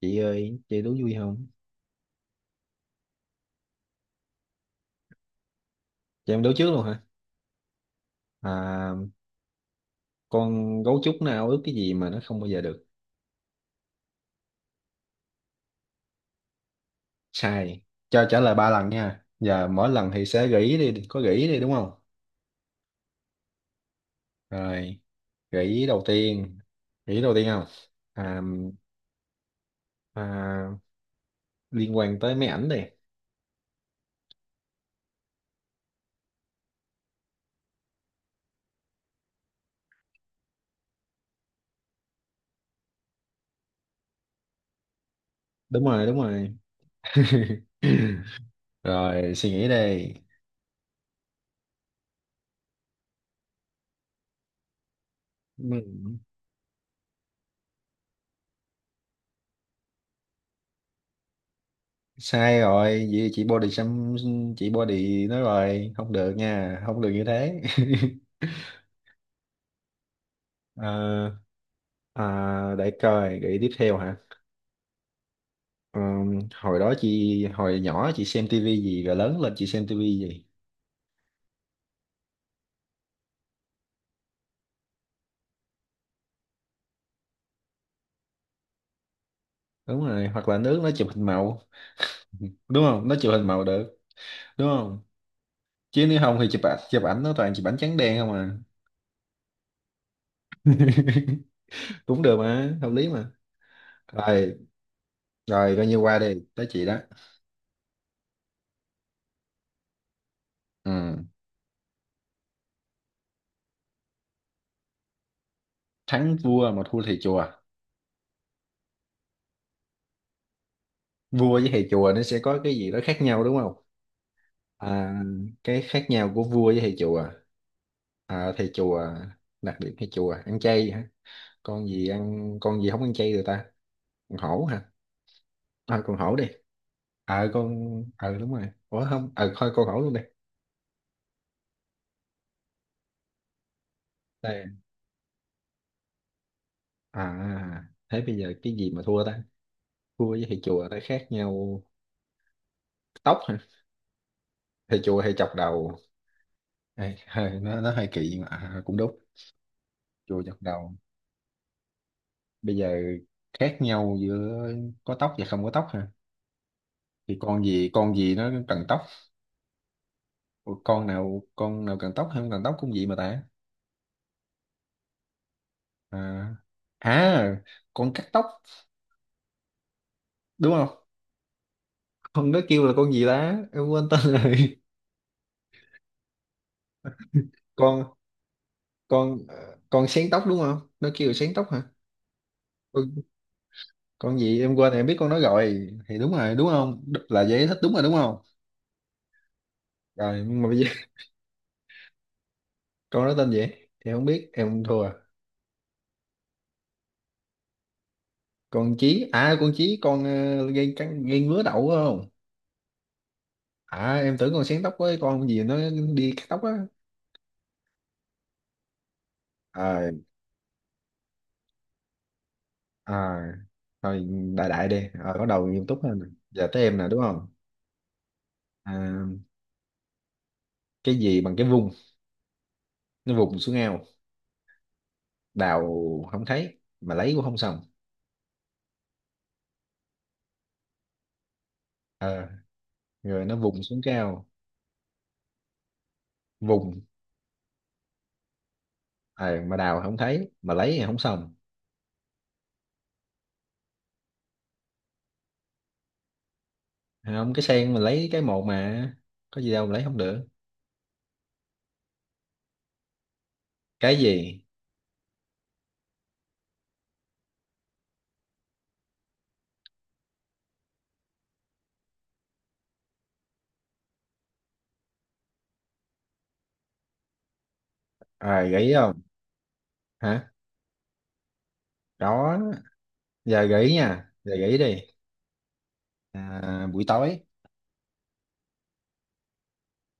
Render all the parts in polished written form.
Chị ơi, chơi đố vui không? Chị em đố trước luôn hả? à, con gấu trúc nó ao ước cái gì mà nó không bao giờ được? Sai. Cho trả lời ba lần nha, giờ mỗi lần thì sẽ gợi ý, đi có gợi ý đi, đúng không? Rồi, gợi ý đầu tiên. Gợi ý đầu tiên không? à, à, Liên quan tới máy ảnh đi. Đúng rồi, đúng rồi. Rồi, suy nghĩ đây. Ừ, sai rồi. Vậy chị body xăm, chị body nói rồi, không được nha, không được như thế. Ờ, để coi cái tiếp theo hả? Hồi đó chị, hồi nhỏ chị xem tivi gì, rồi lớn lên chị xem tivi gì? Đúng rồi, hoặc là nước nó chụp hình màu, đúng không, nó chụp hình màu được, đúng không? Chứ nếu không thì chụp ảnh, chụp ảnh nó toàn chụp ảnh trắng đen không à. Cũng được mà, hợp lý mà. Rồi, rồi coi như qua, đi tới chị đó. Ừm, thắng vua mà thua thầy chùa. Vua với thầy chùa nó sẽ có cái gì đó khác nhau, đúng không? À, cái khác nhau của vua với thầy chùa. Thầy chùa. Đặc điểm thầy chùa ăn chay hả? Con gì ăn, con gì không ăn chay rồi ta? Con hổ hả? Con hổ đi. Ờ con, ờ đúng rồi, ủa không, ờ thôi con hổ luôn đi. Đây. À, thế bây giờ cái gì mà thua ta? Vua với thầy chùa nó khác nhau. Tóc hả? Thầy chùa hay chọc đầu. Ê, hơi, nó hơi kỳ nhưng mà cũng đúng. Chùa chọc đầu. Bây giờ khác nhau giữa có tóc và không có tóc hả? Thì con gì nó cần tóc. Ủa, con nào cần tóc hay không cần tóc cũng vậy mà ta? à, à con cắt tóc, đúng không? Con đó kêu là con gì ta, em quên tên rồi. con con con sén tóc đúng không, nó kêu là sén tóc hả? con, con gì em quên, em biết con nó rồi thì đúng rồi đúng không? Là giải thích đúng rồi đúng không? Rồi nhưng mà bây giờ, con đó tên gì thì không biết, em thua. Con chí à? Con chí, con gây cắn gây ngứa đậu phải không? À em tưởng con sén tóc với con gì nó đi cắt tóc á. À, à, thôi, đại đại đi, rồi bắt đầu nghiêm túc hơn nè. Giờ tới em nè đúng không? à, cái gì bằng cái vùng, nó vùng xuống ao, đào không thấy mà lấy cũng không xong. Ờ, rồi nó vùng xuống cao. Vùng. Mà đào không thấy mà lấy thì không xong. Thấy không, cái sen mình lấy cái một mà, có gì đâu mà lấy không được. Cái gì. Gợi ý không? Hả? Đó, giờ gợi ý nha, giờ gợi ý đi. Buổi tối.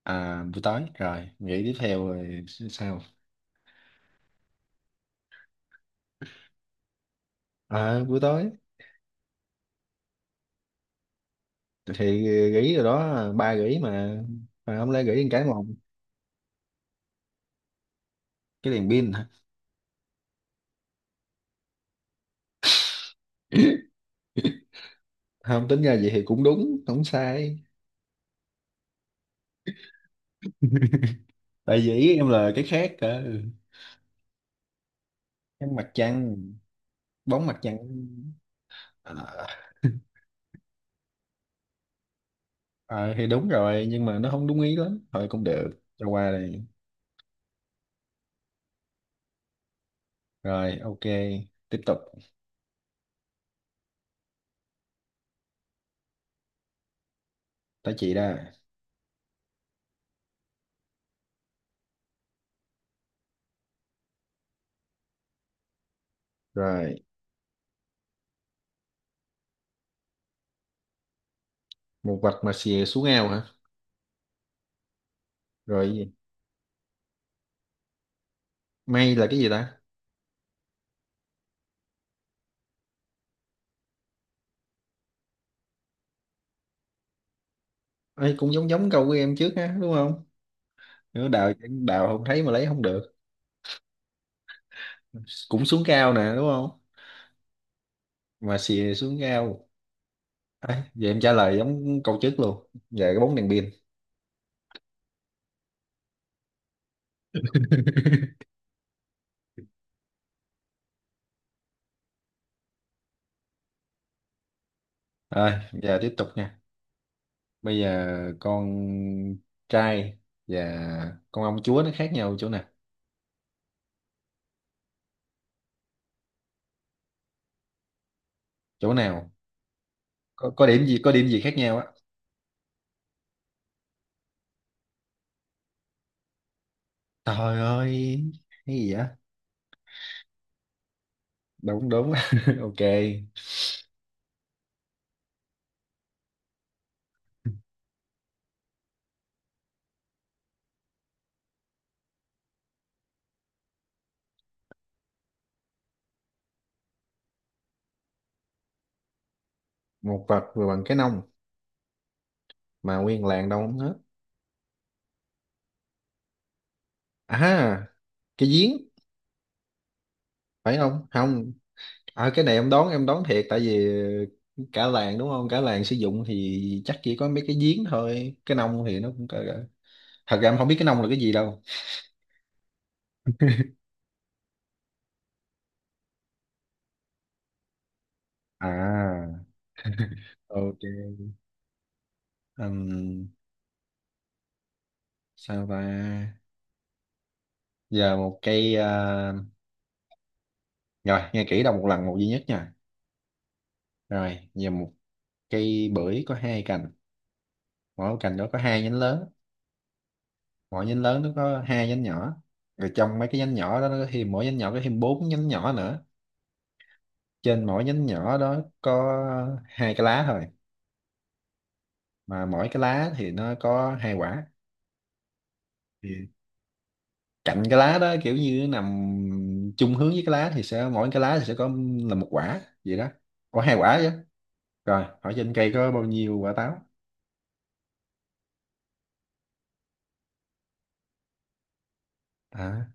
Buổi tối rồi, nghĩ tiếp theo rồi. Sao? Buổi tối thì gỉ rồi đó, ba gỉ mà không lẽ gỉ một cái một. Cái đèn pin hả? Không, tính ra vậy thì cũng đúng không sai. Tại vì ý em là cái khác cơ. Cái mặt trăng, bóng mặt trăng. À, ờ, thì đúng rồi nhưng mà nó không đúng ý lắm, thôi cũng được, cho qua đây. Rồi ok, tiếp tục. Tới chị đó. Rồi, một vạch mà xìa xuống ao hả? Rồi gì? May là cái gì ta? Ấy cũng giống giống câu của em trước ha, đúng không? Nữa, đào đào không thấy mà lấy không được, cũng xuống cao nè đúng không, mà xì xuống ao. À, vậy em trả lời giống câu trước luôn, về cái bóng đèn pin. Rồi, giờ tiếp tục nha. Bây giờ con trai và con ông chúa nó khác nhau chỗ nào? Chỗ nào? Có điểm gì, có điểm gì khác nhau á? Trời ơi, cái gì á? Đâu cũng đúng. Ok. Một vật vừa bằng cái nông mà nguyên làng đâu không hết. À, cái giếng. Phải không không? À, cái này em đoán, em đoán thiệt, tại vì cả làng đúng không, cả làng sử dụng thì chắc chỉ có mấy cái giếng thôi, cái nông thì nó cũng cỡ cỡ. Thật ra em không biết cái nông là cái gì đâu. À, ok. Ừm, sao ta? Giờ một cây rồi nghe kỹ đâu một lần một duy nhất nha. Rồi giờ, một cây bưởi có hai cành, mỗi cành đó có hai nhánh lớn, mỗi nhánh lớn nó có hai nhánh nhỏ. Rồi trong mấy cái nhánh nhỏ đó nó có thêm, mỗi nhánh nhỏ có thêm bốn nhánh nhỏ nữa. Trên mỗi nhánh nhỏ đó có hai cái lá thôi, mà mỗi cái lá thì nó có hai quả. Thì cạnh cái lá đó kiểu như nó nằm chung hướng với cái lá thì sẽ, mỗi cái lá thì sẽ có, là một quả vậy đó, có hai quả chứ. Rồi hỏi trên cây có bao nhiêu quả táo? à,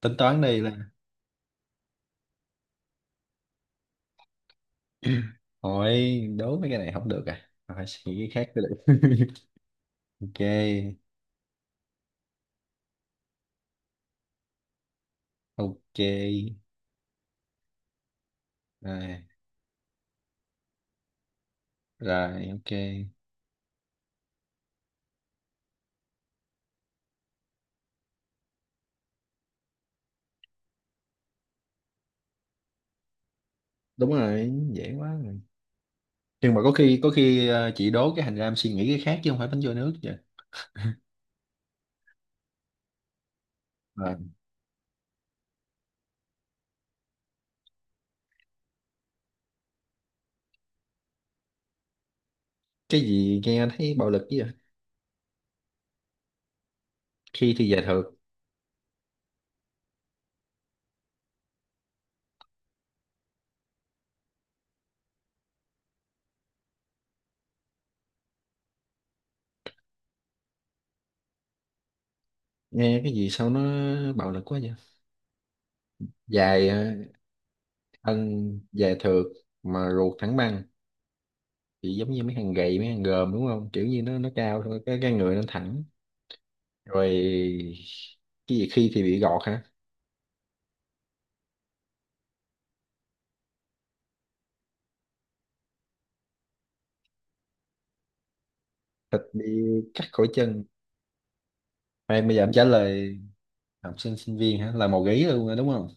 Tính toán đi là. Hỏi đố mấy cái này không được à, hỏi suy nghĩ cái khác mới được. Ok ok. Rồi. Rồi ok. Đúng rồi, dễ quá rồi. Nhưng mà có khi, có khi chị đố cái hành ra em suy nghĩ cái khác chứ không phải bánh trôi nước vậy. Cái gì nghe thấy bạo lực chứ vậy? Khi thì dài thượt. Nghe cái gì sao nó bạo lực quá vậy? Dài, thân dài thượt mà ruột thẳng băng, thì giống như mấy thằng gầy, mấy thằng gờm đúng không, kiểu như nó cao thôi, cái người nó thẳng. Rồi, cái gì khi thì bị gọt hả? Thịt bị cắt khỏi chân. Khoan, bây giờ em trả lời. Học sinh sinh viên hả? Là màu gấy luôn rồi đúng không?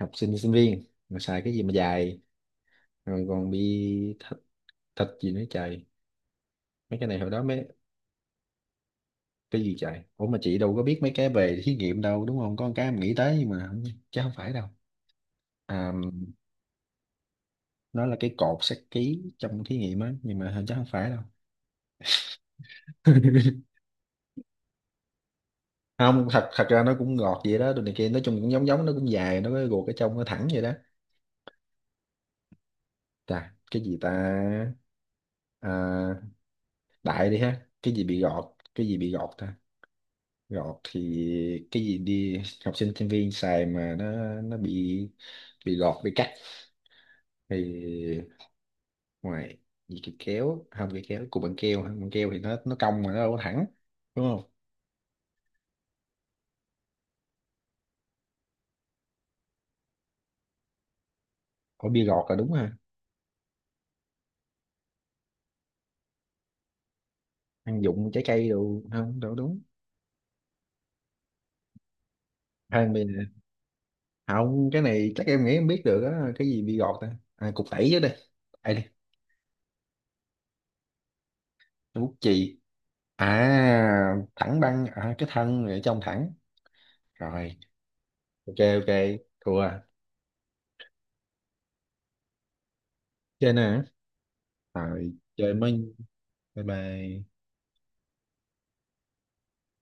Học sinh sinh viên mà xài cái gì mà dài, rồi còn bị thịt, thịt gì nữa trời. Mấy cái này hồi đó mấy, cái gì trời, ủa mà chị đâu có biết mấy cái về thí nghiệm đâu, đúng không, có một cái mình nghĩ tới nhưng mà chứ không phải đâu. À, nó là cái cột sát ký trong thí nghiệm á, nhưng mà hình chắc không phải đâu. Không, thật, thật ra nó cũng ngọt vậy đó, đồ này kia nói chung cũng giống giống, nó cũng dài, nó có cái ruột ở trong nó thẳng vậy đó. Chà, cái gì ta? à, Đại đi ha, cái gì bị gọt. Cái gì bị gọt ta? Gọt thì cái gì đi? Học sinh sinh viên xài mà nó bị gọt bị cắt thì ngoài, gì, cái kéo không? Cái kéo cục bằng keo hả? Bằng keo thì nó cong mà nó đâu có thẳng, đúng không? Có bia gọt là đúng ha. Ăn dụng trái cây đồ không đâu đúng. Khoan mình, không cái này chắc em nghĩ em biết được á, cái gì bia gọt ta, cục tẩy chứ đây. Đây đi. Cái bút chì. À, thẳng băng, cái thân ở trong thẳng. Rồi. Ok ok, thua. Chơi nè. Rồi chơi mới. Bye bye.